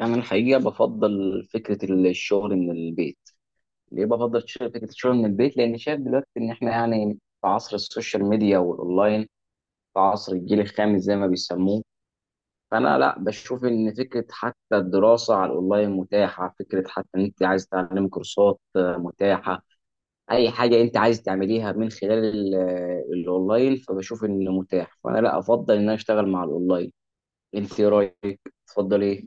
انا الحقيقه بفضل فكره الشغل من البيت. ليه بفضل فكره الشغل من البيت؟ لان شايف دلوقتي ان احنا يعني في عصر السوشيال ميديا والاونلاين، في عصر الجيل الخامس زي ما بيسموه. فانا لا بشوف ان فكره حتى الدراسه على الاونلاين متاحه، فكره حتى ان انت عايز تعلم كورسات متاحه. اي حاجه انت عايز تعمليها من خلال الاونلاين، فبشوف انه متاح، فانا لا افضل ان انا اشتغل مع الاونلاين. انت إيه رايك؟ تفضل ايه؟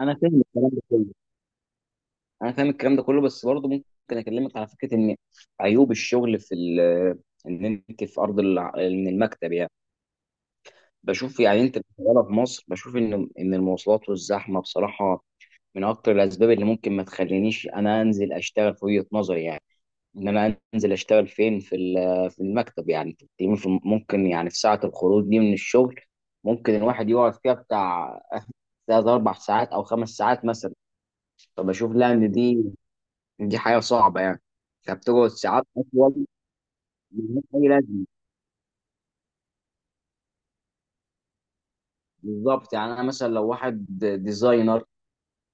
انا فاهم الكلام ده كله. انا فاهم الكلام ده كله بس برضه ممكن اكلمك على فكره ان عيوب الشغل في ال، ان انت في من المكتب يعني. بشوف يعني انت شغاله في مصر، بشوف ان المواصلات والزحمه بصراحه من اكتر الاسباب اللي ممكن ما تخلينيش انا انزل اشتغل، في وجهه نظري يعني. ان انا انزل اشتغل فين؟ في في المكتب يعني. تقريباً ممكن يعني في ساعه الخروج دي من الشغل ممكن الواحد يقعد فيها بتاع ثلاث اربع ساعات او 5 ساعات مثلا. فبشوف لا ان دي حاجة صعبة يعني. فبتقعد ساعات أطول من أي لازمة. بالظبط، يعني أنا مثلا لو واحد ديزاينر،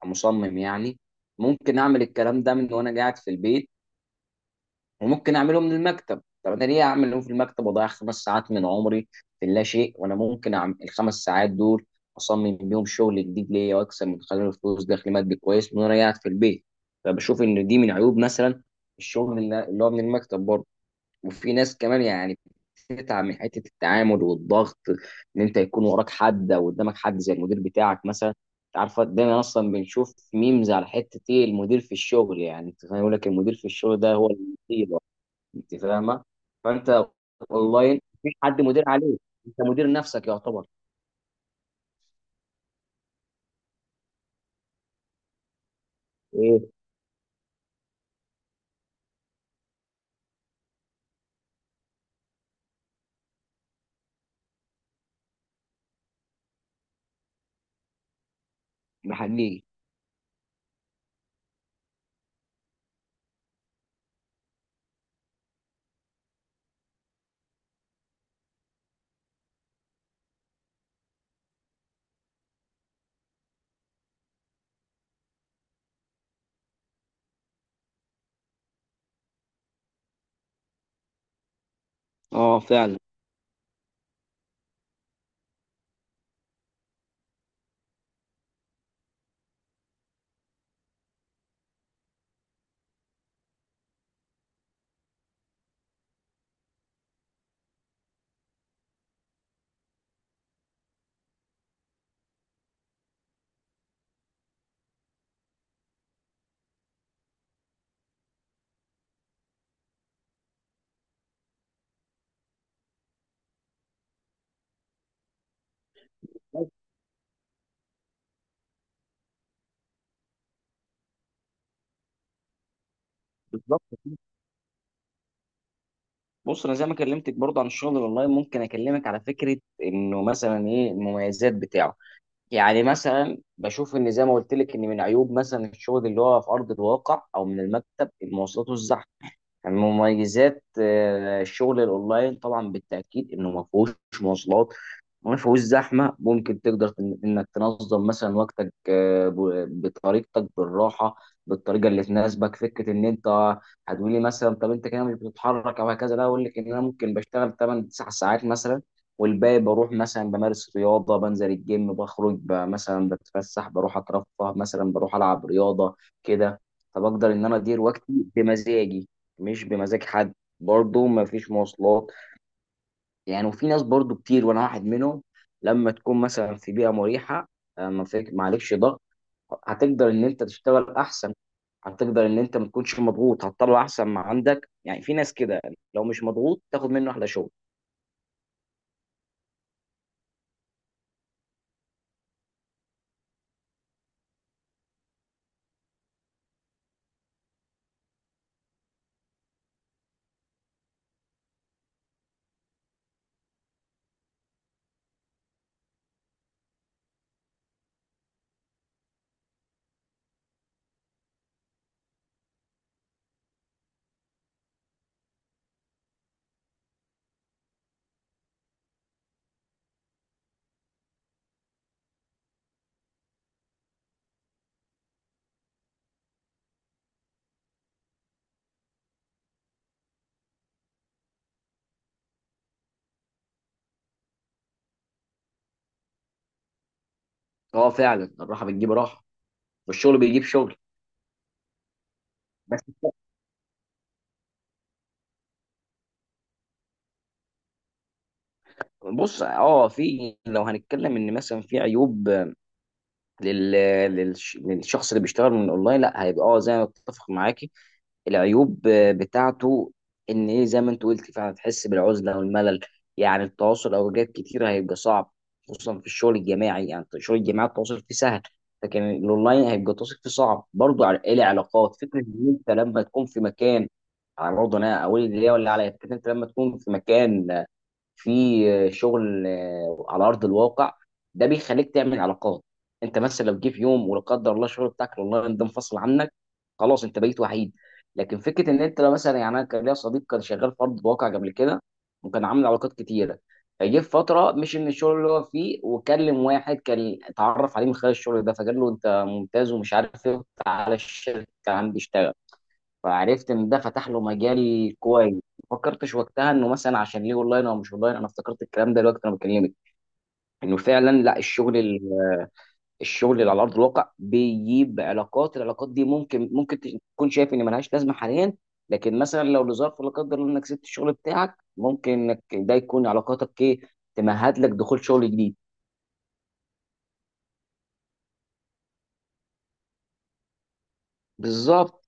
مصمم يعني، ممكن أعمل الكلام ده من وأنا قاعد في البيت، وممكن أعمله من المكتب. طب أنا ليه أعمله في المكتب وأضيع 5 ساعات من عمري في لا شيء، وأنا ممكن أعمل الـ5 ساعات دول أصمم بيهم شغل جديد ليا وأكسب من خلاله فلوس، دخل مادي كويس، من وأنا قاعد في البيت. فبشوف إن دي من عيوب مثلا الشغل اللي هو من المكتب برضه. وفي ناس كمان يعني بتتعب من حته التعامل والضغط، ان انت يكون وراك حد او قدامك حد زي المدير بتاعك مثلا. انت عارفه دايما اصلا بنشوف ميمز على حته ايه؟ المدير في الشغل، يعني انت فاهم يقول لك المدير في الشغل ده هو المصيبه. انت فاهمه؟ فانت اونلاين مفيش حد مدير عليك، انت مدير نفسك يعتبر. ايه بحقيقي. اه فعلا. بالظبط. بص انا زي ما كلمتك برضه عن الشغل الاونلاين، ممكن اكلمك على فكره انه مثلا ايه المميزات بتاعه. يعني مثلا بشوف ان زي ما قلت لك ان من عيوب مثلا الشغل اللي هو في ارض الواقع او من المكتب المواصلات والزحمه. يعني من مميزات الشغل الاونلاين طبعا بالتاكيد انه ما فيهوش مواصلات، ما فيهوش زحمه. ممكن تقدر انك تنظم مثلا وقتك، بطريقتك بالراحه، بالطريقه اللي تناسبك. فكره ان انت هتقولي مثلا طب انت كده مش بتتحرك او هكذا، لا اقول لك ان انا ممكن بشتغل 8 9 ساعات مثلا، والباقي بروح مثلا بمارس رياضه، بنزل الجيم، مثلا بتفسح، بروح اترفه، مثلا بروح العب رياضه كده. فبقدر ان انا ادير وقتي بمزاجي مش بمزاج حد. برضه ما فيش مواصلات يعني. وفي ناس برضو كتير وانا واحد منهم، لما تكون مثلا في بيئه مريحه ما فيك ما عليكش ضغط، هتقدر ان انت تشتغل احسن، هتقدر ان انت ما تكونش مضغوط، هتطلع احسن ما عندك. يعني في ناس كده لو مش مضغوط تاخد منه احلى شغل. اه فعلا الراحه بتجيب راحه والشغل بيجيب شغل. بس بص، اه في، لو هنتكلم ان مثلا في عيوب لل... للشخص اللي بيشتغل من اونلاين، لا هيبقى اه زي ما اتفق معاكي، العيوب بتاعته ان ايه؟ زي ما انت قلت فعلا تحس بالعزله والملل، يعني التواصل اوقات كتير هيبقى صعب، خصوصا في الشغل الجماعي. يعني في الشغل الجماعي التواصل فيه سهل لكن الاونلاين هيبقى التواصل فيه صعب برضه. على إيه؟ العلاقات. فكره ان انت لما تكون في مكان، يعني برضه انا اقول اللي هي ولا عليا، فكره انت لما تكون في مكان في شغل على ارض الواقع، ده بيخليك تعمل علاقات. انت مثلا لو جه في يوم ولا قدر الله الشغل بتاعك الاونلاين ده انفصل عنك، خلاص انت بقيت وحيد. لكن فكره ان انت لو مثلا، يعني انا كان ليا صديق كان شغال في ارض الواقع قبل كده وكان عامل علاقات كتيره، فجه في فتره مش من الشغل اللي هو فيه، وكلم واحد كان اتعرف عليه من خلال الشغل ده، فقال له انت ممتاز ومش عارف ايه، تعالى الشركه عندي اشتغل. فعرفت ان ده فتح له مجال كويس. ما فكرتش وقتها انه مثلا عشان ليه اونلاين او مش اونلاين. انا افتكرت الكلام ده دلوقتي انا بكلمك انه فعلا لا، الشغل الشغل اللي على ارض الواقع بيجيب علاقات. العلاقات دي ممكن تكون شايف ان ملهاش لازمه حاليا، لكن مثلا لو لظرف لا قدر الله انك سبت الشغل بتاعك، ممكن انك ده يكون علاقاتك ايه؟ تمهد لك دخول شغل جديد. بالظبط.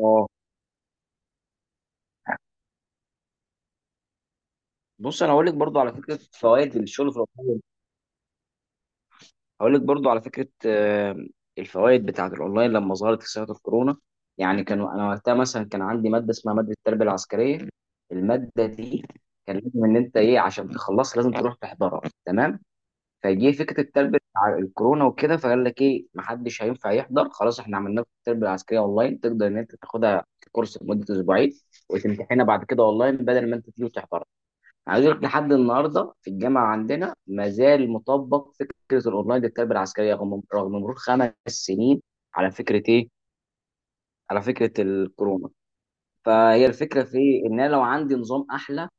اه بص انا هقول لك برضو على فكره فوائد الشغل في الأونلاين. هقول لك برضو على فكره الفوائد بتاعه الاونلاين لما ظهرت في سنه الكورونا. يعني كانوا، انا وقتها مثلا كان عندي ماده اسمها ماده التربيه العسكريه. الماده دي كان لازم ان انت ايه؟ عشان تخلصها لازم تروح تحضرها تمام. فجه فكره التربيه على الكورونا وكده، فقال لك ايه؟ محدش هينفع يحضر، خلاص احنا عملنا لك التربيه العسكريه اونلاين، تقدر ان انت تاخدها كورس لمده اسبوعين وتمتحنها بعد كده اونلاين بدل ما انت تيجي وتحضر. عايز اقول لك لحد النهارده في الجامعه عندنا ما زال مطبق فكره الاونلاين للتربيه العسكريه، رغم مرور 5 سنين. على فكره ايه؟ على فكره الكورونا. فهي الفكره في ايه؟ ان انا لو عندي نظام احلى،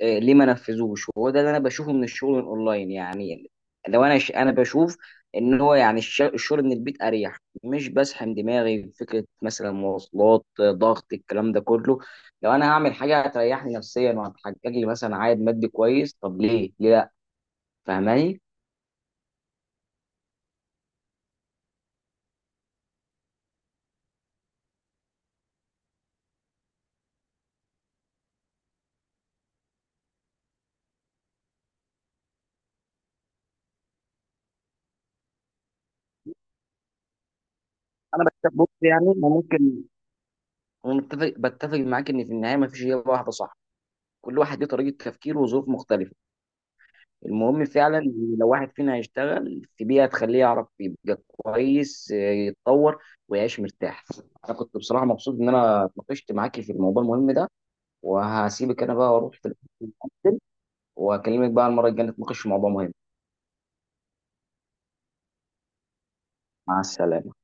إيه ليه ما نفذوش؟ وهو ده اللي انا بشوفه من الشغل الاونلاين يعني. لو انا انا بشوف ان هو يعني الشغل من البيت اريح، مش بسحم دماغي بفكره مثلا مواصلات، ضغط، الكلام ده كله. لو انا هعمل حاجه هتريحني نفسيا وهتحقق لي مثلا عائد مادي كويس، طب ليه؟ ليه؟ فاهماني؟ انا بتفق، بص يعني انا ممكن، انا متفق، بتفق معاك ان في النهايه ما فيش اجابه واحده صح، كل واحد ليه طريقه تفكير وظروف مختلفه. المهم فعلا إن لو واحد فينا هيشتغل في بيئه تخليه يعرف يبقى كويس، يتطور ويعيش مرتاح. انا كنت بصراحه مبسوط ان انا اتناقشت معاكي في الموضوع المهم ده، وهسيبك انا بقى واروح دلوقتي. أكل، واكلمك بقى المره الجايه نتناقش في موضوع مهم. مع السلامه.